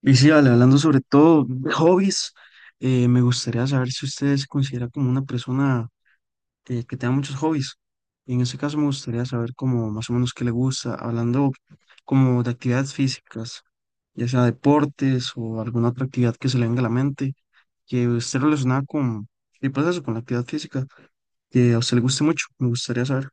Y sí, Ale, hablando sobre todo de hobbies, me gustaría saber si usted se considera como una persona que tenga muchos hobbies. En ese caso me gustaría saber como más o menos qué le gusta, hablando como de actividades físicas, ya sea deportes o alguna otra actividad que se le venga a la mente, que esté relacionada con, y pues eso, con la actividad física, que a usted le guste mucho, me gustaría saber.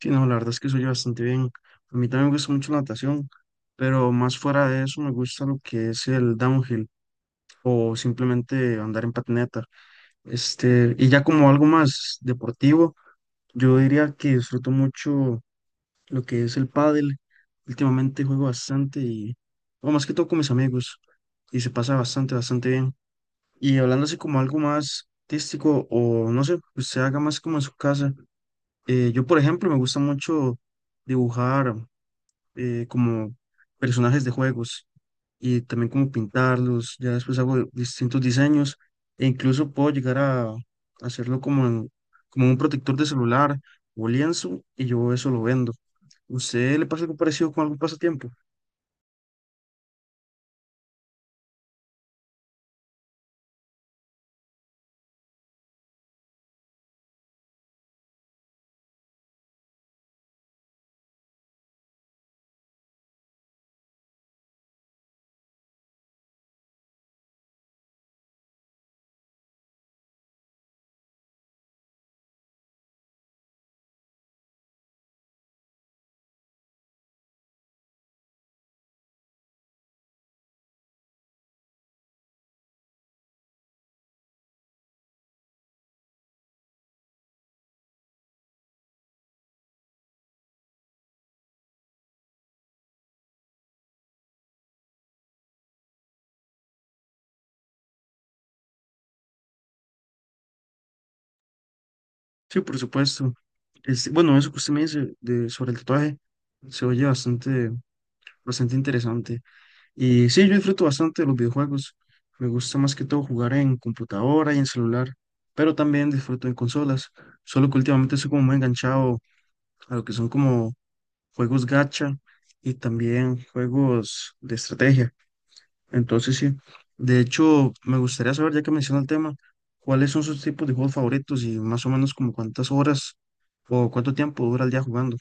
Sí, no, la verdad es que soy bastante bien. A mí también me gusta mucho la natación, pero más fuera de eso me gusta lo que es el downhill, o simplemente andar en patineta. Este, y ya como algo más deportivo, yo diría que disfruto mucho lo que es el pádel. Últimamente juego bastante y, o más que todo con mis amigos, y se pasa bastante, bastante bien. Y hablando así como algo más artístico o no sé, que usted haga más como en su casa. Yo, por ejemplo, me gusta mucho dibujar, como personajes de juegos y también como pintarlos, ya después hago distintos diseños e incluso puedo llegar a hacerlo como, como un protector de celular o lienzo y yo eso lo vendo. ¿Usted le pasa algo parecido con algún pasatiempo? Sí, por supuesto. Este, bueno, eso que usted me dice de, sobre el tatuaje se oye bastante, bastante interesante. Y sí, yo disfruto bastante de los videojuegos. Me gusta más que todo jugar en computadora y en celular, pero también disfruto en consolas. Solo que últimamente soy como muy enganchado a lo que son como juegos gacha y también juegos de estrategia. Entonces, sí, de hecho, me gustaría saber, ya que menciona el tema, cuáles son sus tipos de juegos favoritos y más o menos como cuántas horas o cuánto tiempo dura el día jugando.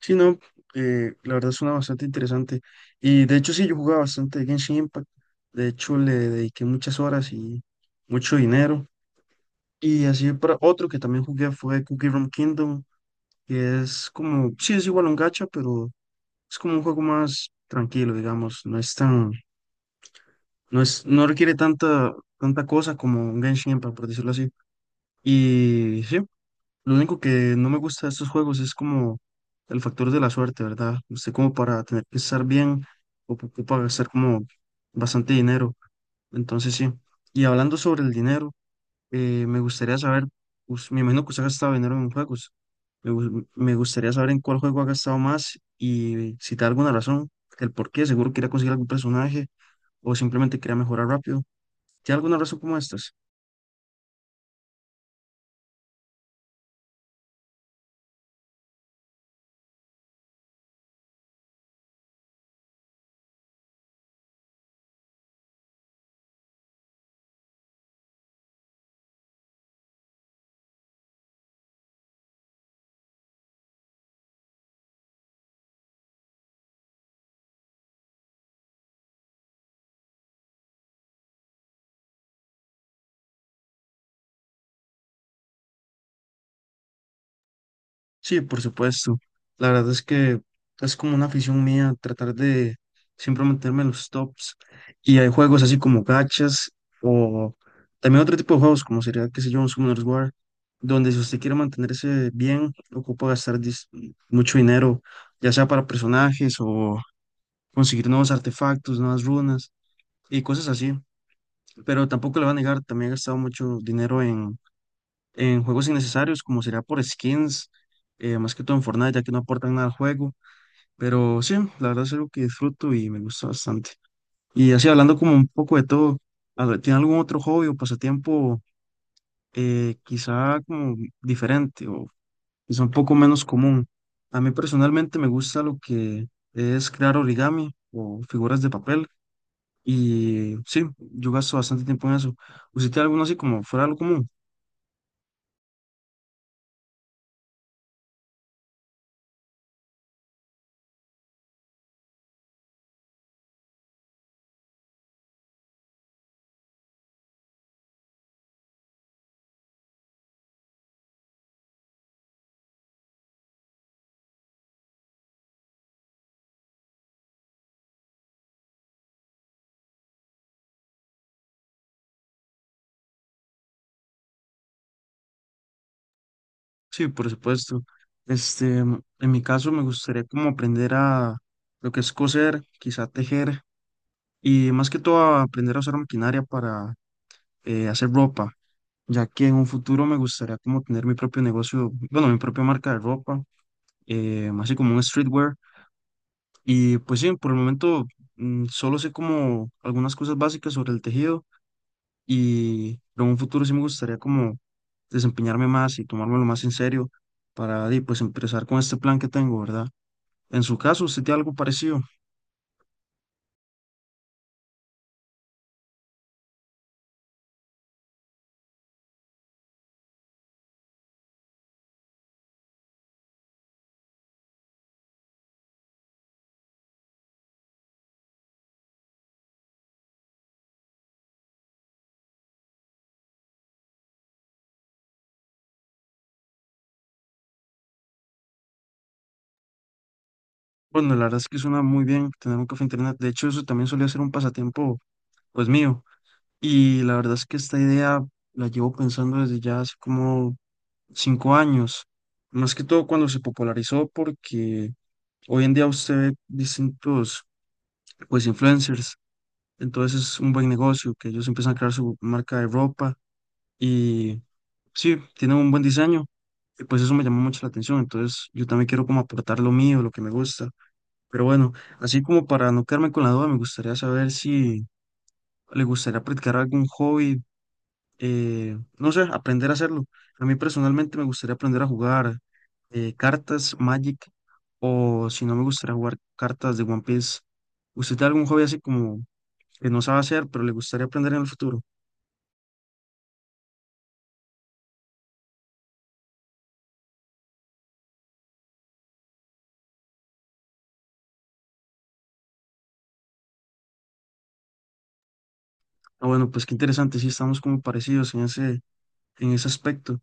Sí, no, la verdad suena bastante interesante. Y de hecho, sí, yo jugaba bastante Genshin Impact. De hecho, le dediqué muchas horas y mucho dinero. Y así para otro que también jugué fue Cookie Run Kingdom, que es como, sí, es igual a un gacha, pero es como un juego más tranquilo, digamos. No es tan, no es, no requiere tanta, tanta cosa como un Genshin Impact, por decirlo así. Y sí, lo único que no me gusta de estos juegos es como el factor de la suerte, ¿verdad? Usted como para tener que estar bien o que ocupa gastar como bastante dinero. Entonces sí. Y hablando sobre el dinero, me gustaría saber, me imagino que usted ha gastado dinero en juegos. Me gustaría saber en cuál juego ha gastado más y si te da alguna razón, el por qué. Seguro quería conseguir algún personaje o simplemente quería mejorar rápido. ¿Tiene alguna razón como estas? Sí, por supuesto. La verdad es que es como una afición mía tratar de siempre meterme en los tops. Y hay juegos así como gachas o también otro tipo de juegos como sería, qué sé yo, un Summoner's War, donde si usted quiere mantenerse bien, ocupa gastar mucho dinero, ya sea para personajes o conseguir nuevos artefactos, nuevas runas y cosas así. Pero tampoco le va a negar, también he gastado mucho dinero en juegos innecesarios, como sería por skins, más que todo en Fortnite, ya que no aportan nada al juego. Pero sí, la verdad es algo que disfruto y me gusta bastante. Y así hablando como un poco de todo, a ver, ¿tiene algún otro hobby o pasatiempo quizá como diferente o quizá un poco menos común? A mí personalmente me gusta lo que es crear origami o figuras de papel. Y sí, yo gasto bastante tiempo en eso. ¿Usted tiene alguno así como fuera de lo común? Sí, por supuesto. Este, en mi caso me gustaría como aprender a lo que es coser, quizá tejer y más que todo a aprender a usar maquinaria para hacer ropa, ya que en un futuro me gustaría como tener mi propio negocio, bueno, mi propia marca de ropa, así como un streetwear. Y pues sí, por el momento solo sé como algunas cosas básicas sobre el tejido y pero en un futuro sí me gustaría como desempeñarme más y tomármelo más en serio para pues empezar con este plan que tengo, ¿verdad? En su caso, ¿usted tiene algo parecido? Bueno, la verdad es que suena muy bien tener un café internet. De hecho, eso también solía ser un pasatiempo pues mío. Y la verdad es que esta idea la llevo pensando desde ya hace como 5 años. Más que todo cuando se popularizó porque hoy en día usted ve distintos pues influencers. Entonces es un buen negocio que ellos empiezan a crear su marca de ropa y sí, tiene un buen diseño. Y pues eso me llamó mucho la atención. Entonces yo también quiero como aportar lo mío, lo que me gusta. Pero bueno, así como para no quedarme con la duda, me gustaría saber si le gustaría practicar algún hobby, no sé, aprender a hacerlo. A mí personalmente me gustaría aprender a jugar cartas, Magic, o si no me gustaría jugar cartas de One Piece. ¿Usted tiene algún hobby así como que no sabe hacer, pero le gustaría aprender en el futuro? Ah, bueno, pues qué interesante, sí estamos como parecidos en ese aspecto.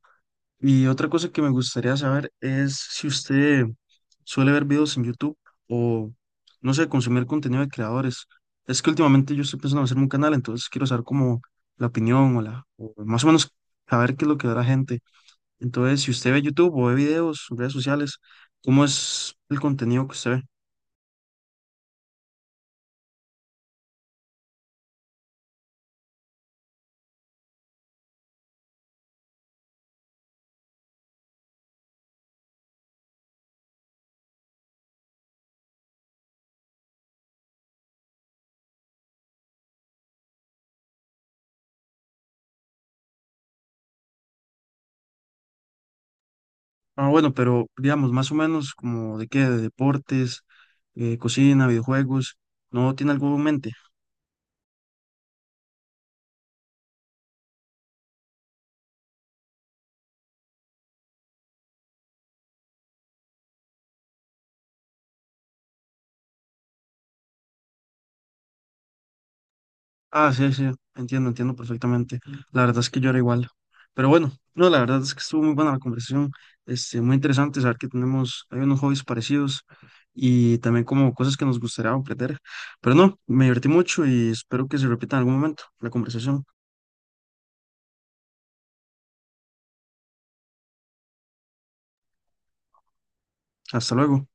Y otra cosa que me gustaría saber es si usted suele ver videos en YouTube o, no sé, consumir contenido de creadores. Es que últimamente yo estoy pensando en hacerme un canal, entonces quiero saber como la opinión o la, o más o menos saber qué es lo que da la gente. Entonces, si usted ve YouTube o ve videos, redes sociales, ¿cómo es el contenido que usted ve? Ah, bueno, pero digamos, más o menos como de qué, de deportes, cocina, videojuegos, ¿no tiene algo en mente? Ah, sí, sí, entiendo, entiendo perfectamente. La verdad es que yo era igual. Pero bueno, no, la verdad es que estuvo muy buena la conversación, este, muy interesante saber que tenemos, hay unos hobbies parecidos y también como cosas que nos gustaría aprender. Pero no, me divertí mucho y espero que se repita en algún momento la conversación. Hasta luego.